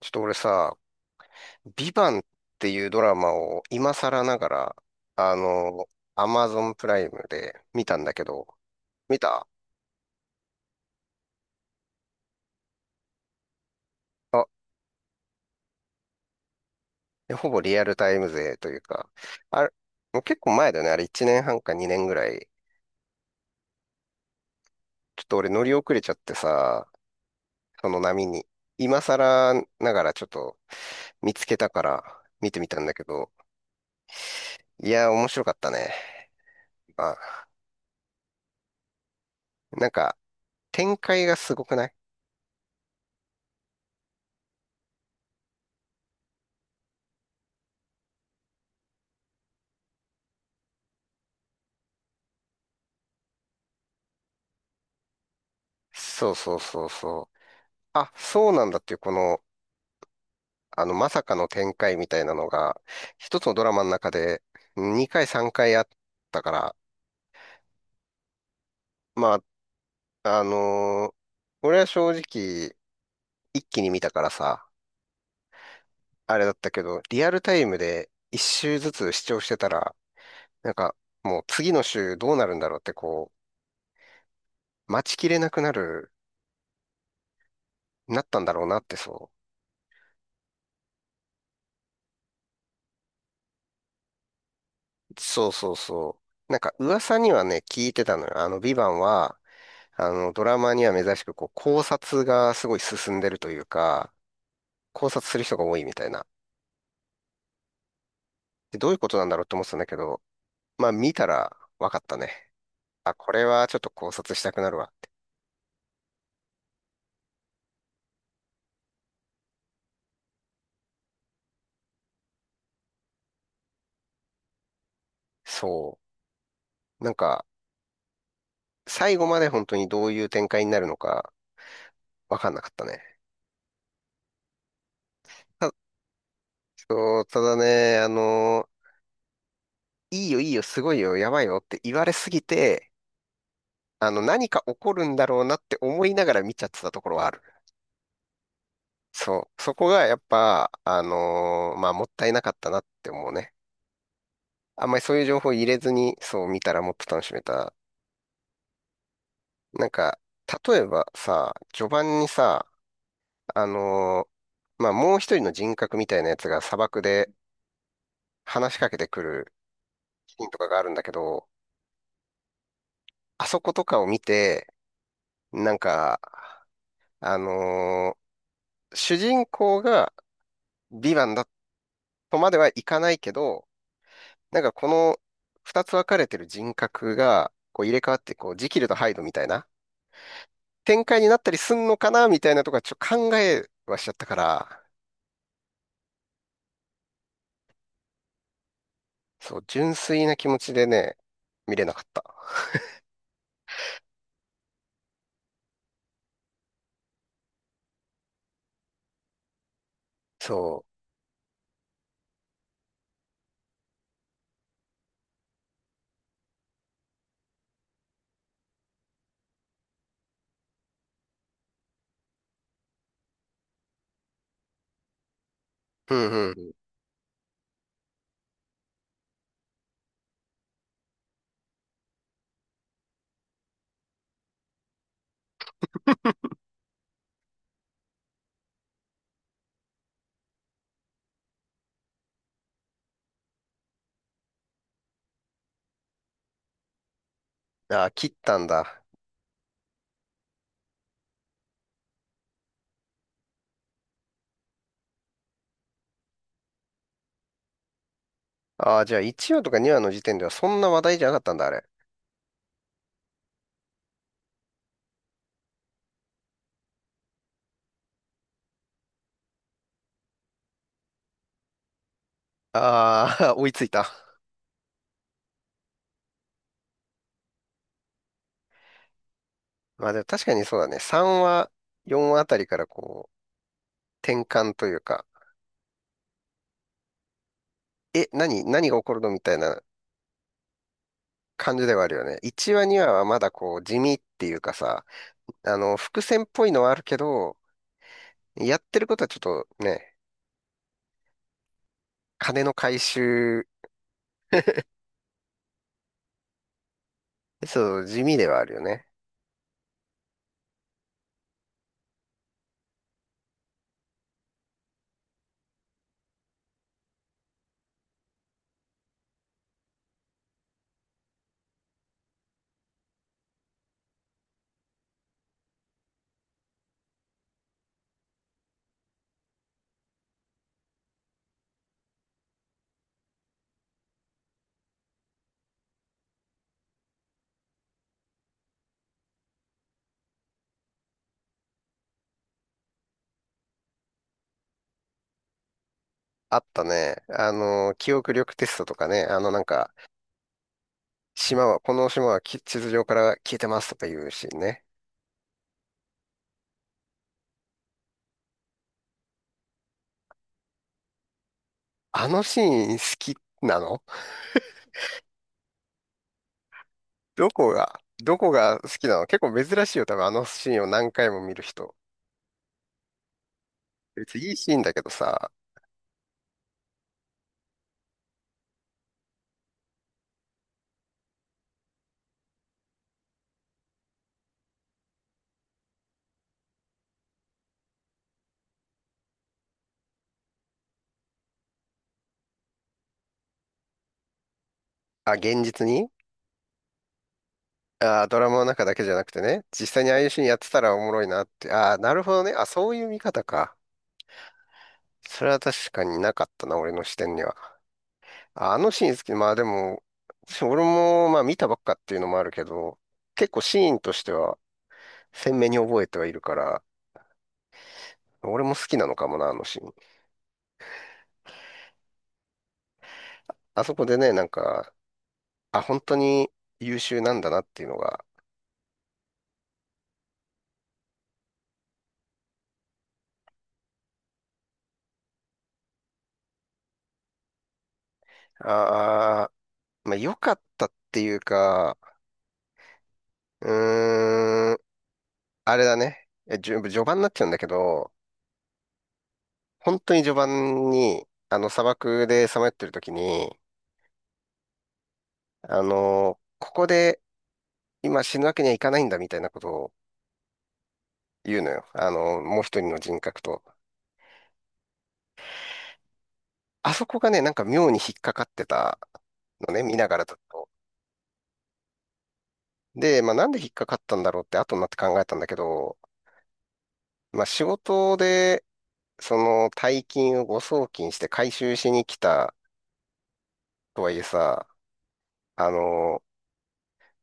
ちょっと俺さ、ビバンっていうドラマを今更ながら、あの、アマゾンプライムで見たんだけど、見たあ、ほぼリアルタイム勢というか、あれ、もう結構前だよね。あれ1年半か2年ぐらい。ちょっと俺乗り遅れちゃってさ、その波に。今更ながらちょっと見つけたから見てみたんだけど、いや、面白かったね。あ、なんか展開がすごくない？そうそうそうそう。あ、そうなんだっていう、この、まさかの展開みたいなのが、一つのドラマの中で2回3回あったから、まあ、俺は正直、一気に見たからさ、あれだったけど、リアルタイムで一週ずつ視聴してたら、なんか、もう次の週どうなるんだろうってこう、待ちきれなくなったんだろうなってそう。そうそうそう。なんか噂にはね、聞いてたのよ。ヴィヴァンは、ドラマには珍しく、こう、考察がすごい進んでるというか、考察する人が多いみたいな。で、どういうことなんだろうって思ってたんだけど、まあ見たら分かったね。あ、これはちょっと考察したくなるわって。そう。なんか、最後まで本当にどういう展開になるのか分かんなかったね。た、そう、ただね、いいよいいよ、すごいよ、やばいよって言われすぎて、何か起こるんだろうなって思いながら見ちゃってたところはある。そう。そこがやっぱ、まあ、もったいなかったなって思うね。あんまりそういう情報入れずに、そう見たらもっと楽しめた。なんか、例えばさ、序盤にさ、あのまあ、もう一人の人格みたいなやつが砂漠で話しかけてくるシーンとかがあるんだけど、あそことかを見て、なんか、あのー主人公がヴィヴァンだとまではいかないけど、なんかこの二つ分かれてる人格がこう入れ替わって、こう、ジキルとハイドみたいな展開になったりすんのかなみたいなとかちょっと考えはしちゃったから、そう、純粋な気持ちでね、見れなかった。そう。うんうんうん。ああ、切ったんだ。ああ、じゃあ1話とか2話の時点ではそんな話題じゃなかったんだ、あれ。ああ、追いついた。まあでも確かにそうだね。3話、4話あたりからこう、転換というか、何が起こるのみたいな感じではあるよね。1話、2話はまだこう、地味っていうかさ、伏線っぽいのはあるけど、やってることはちょっとね、金の回収、そう、地味ではあるよね。あったね。記憶力テストとかね、なんか、この島は地図上から消えてますとかいうシーンね。あのシーン好きなの？どこが好きなの？結構珍しいよ、多分あのシーンを何回も見る人。別にいいシーンだけどさ、あ、現実に？あ、ドラマの中だけじゃなくてね、実際にああいうシーンやってたらおもろいなって、あ、なるほどね。あ、そういう見方か。それは確かになかったな、俺の視点には。あのシーン好き。まあでも、俺もまあ見たばっかっていうのもあるけど、結構シーンとしては鮮明に覚えてはいるから、俺も好きなのかもな、あのシーン。あそこでね、なんか、あ、本当に優秀なんだなっていうのが、ああ、まあ良かったっていうか、うーん、あれだね。えじゅ序盤になっちゃうんだけど、本当に序盤に、あの砂漠でさまよってる時に、ここで今死ぬわけにはいかないんだみたいなことを、言うのよ。あの、もう一人の人格と。あそこがね、なんか妙に引っかかってたのね、見ながらだと。で、まあなんで引っかかったんだろうって後になって考えたんだけど、まあ仕事で、その大金を誤送金して回収しに来たとはいえさ、あの、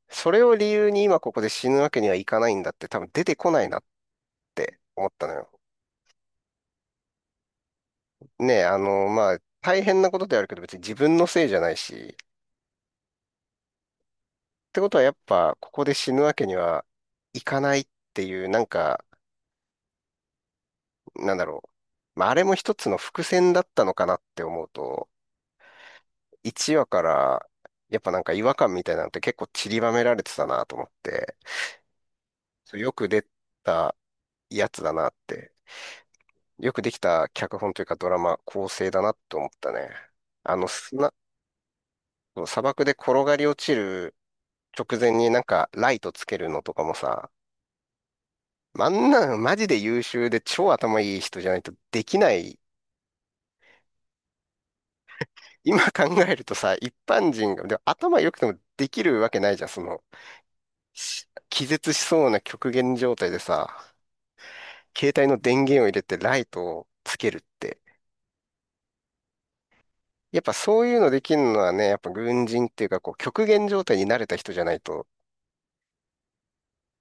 それを理由に今ここで死ぬわけにはいかないんだって多分出てこないなって思ったのよ。ねえ、まあ大変なことではあるけど別に自分のせいじゃないし、ってことはやっぱ、ここで死ぬわけにはいかないっていう、なんか、なんだろう。まあ、あれも一つの伏線だったのかなって思うと、1話から、やっぱなんか違和感みたいなのって結構散りばめられてたなと思って、そうよく出たやつだなって、よくできた脚本というかドラマ構成だなと思ったね。あの、砂、砂漠で転がり落ちる直前になんかライトつけるのとかもさ、あんなのマジで優秀で超頭いい人じゃないとできない。今考えるとさ、一般人が、でも頭良くてもできるわけないじゃん。その、気絶しそうな極限状態でさ、携帯の電源を入れてライトをつけるって。やっぱそういうのできるのはね、やっぱ軍人っていうか、こう、極限状態に慣れた人じゃないと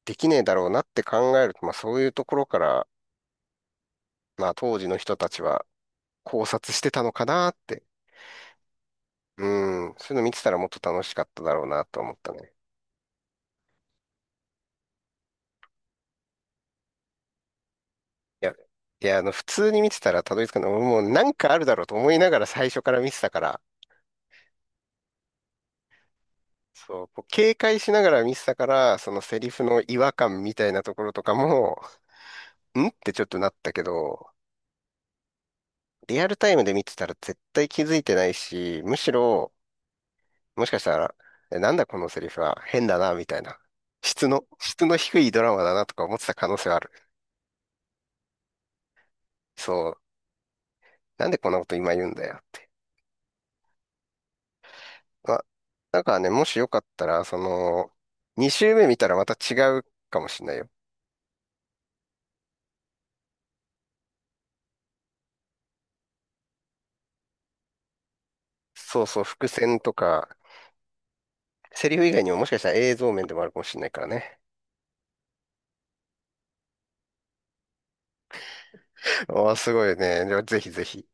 できねえだろうなって考えると、まあそういうところから、まあ当時の人たちは考察してたのかなって。うん、そういうの見てたらもっと楽しかっただろうなと思ったね。いや、いや、普通に見てたらたどり着かない。俺もうなんかあるだろうと思いながら最初から見てたから、そう、こう警戒しながら見てたから、そのセリフの違和感みたいなところとかも、んってちょっとなったけど、リアルタイムで見てたら絶対気づいてないし、むしろ、もしかしたら、えなんだこのセリフは変だな、みたいな。質の低いドラマだなとか思ってた可能性はある。そう、なんでこんなこと今言うんだよ。あ、だからね、もしよかったら、その、2周目見たらまた違うかもしれないよ。そうそう、伏線とか、セリフ以外にももしかしたら映像面でもあるかもしれないからね。ああ、すごいね。ではぜひぜひ。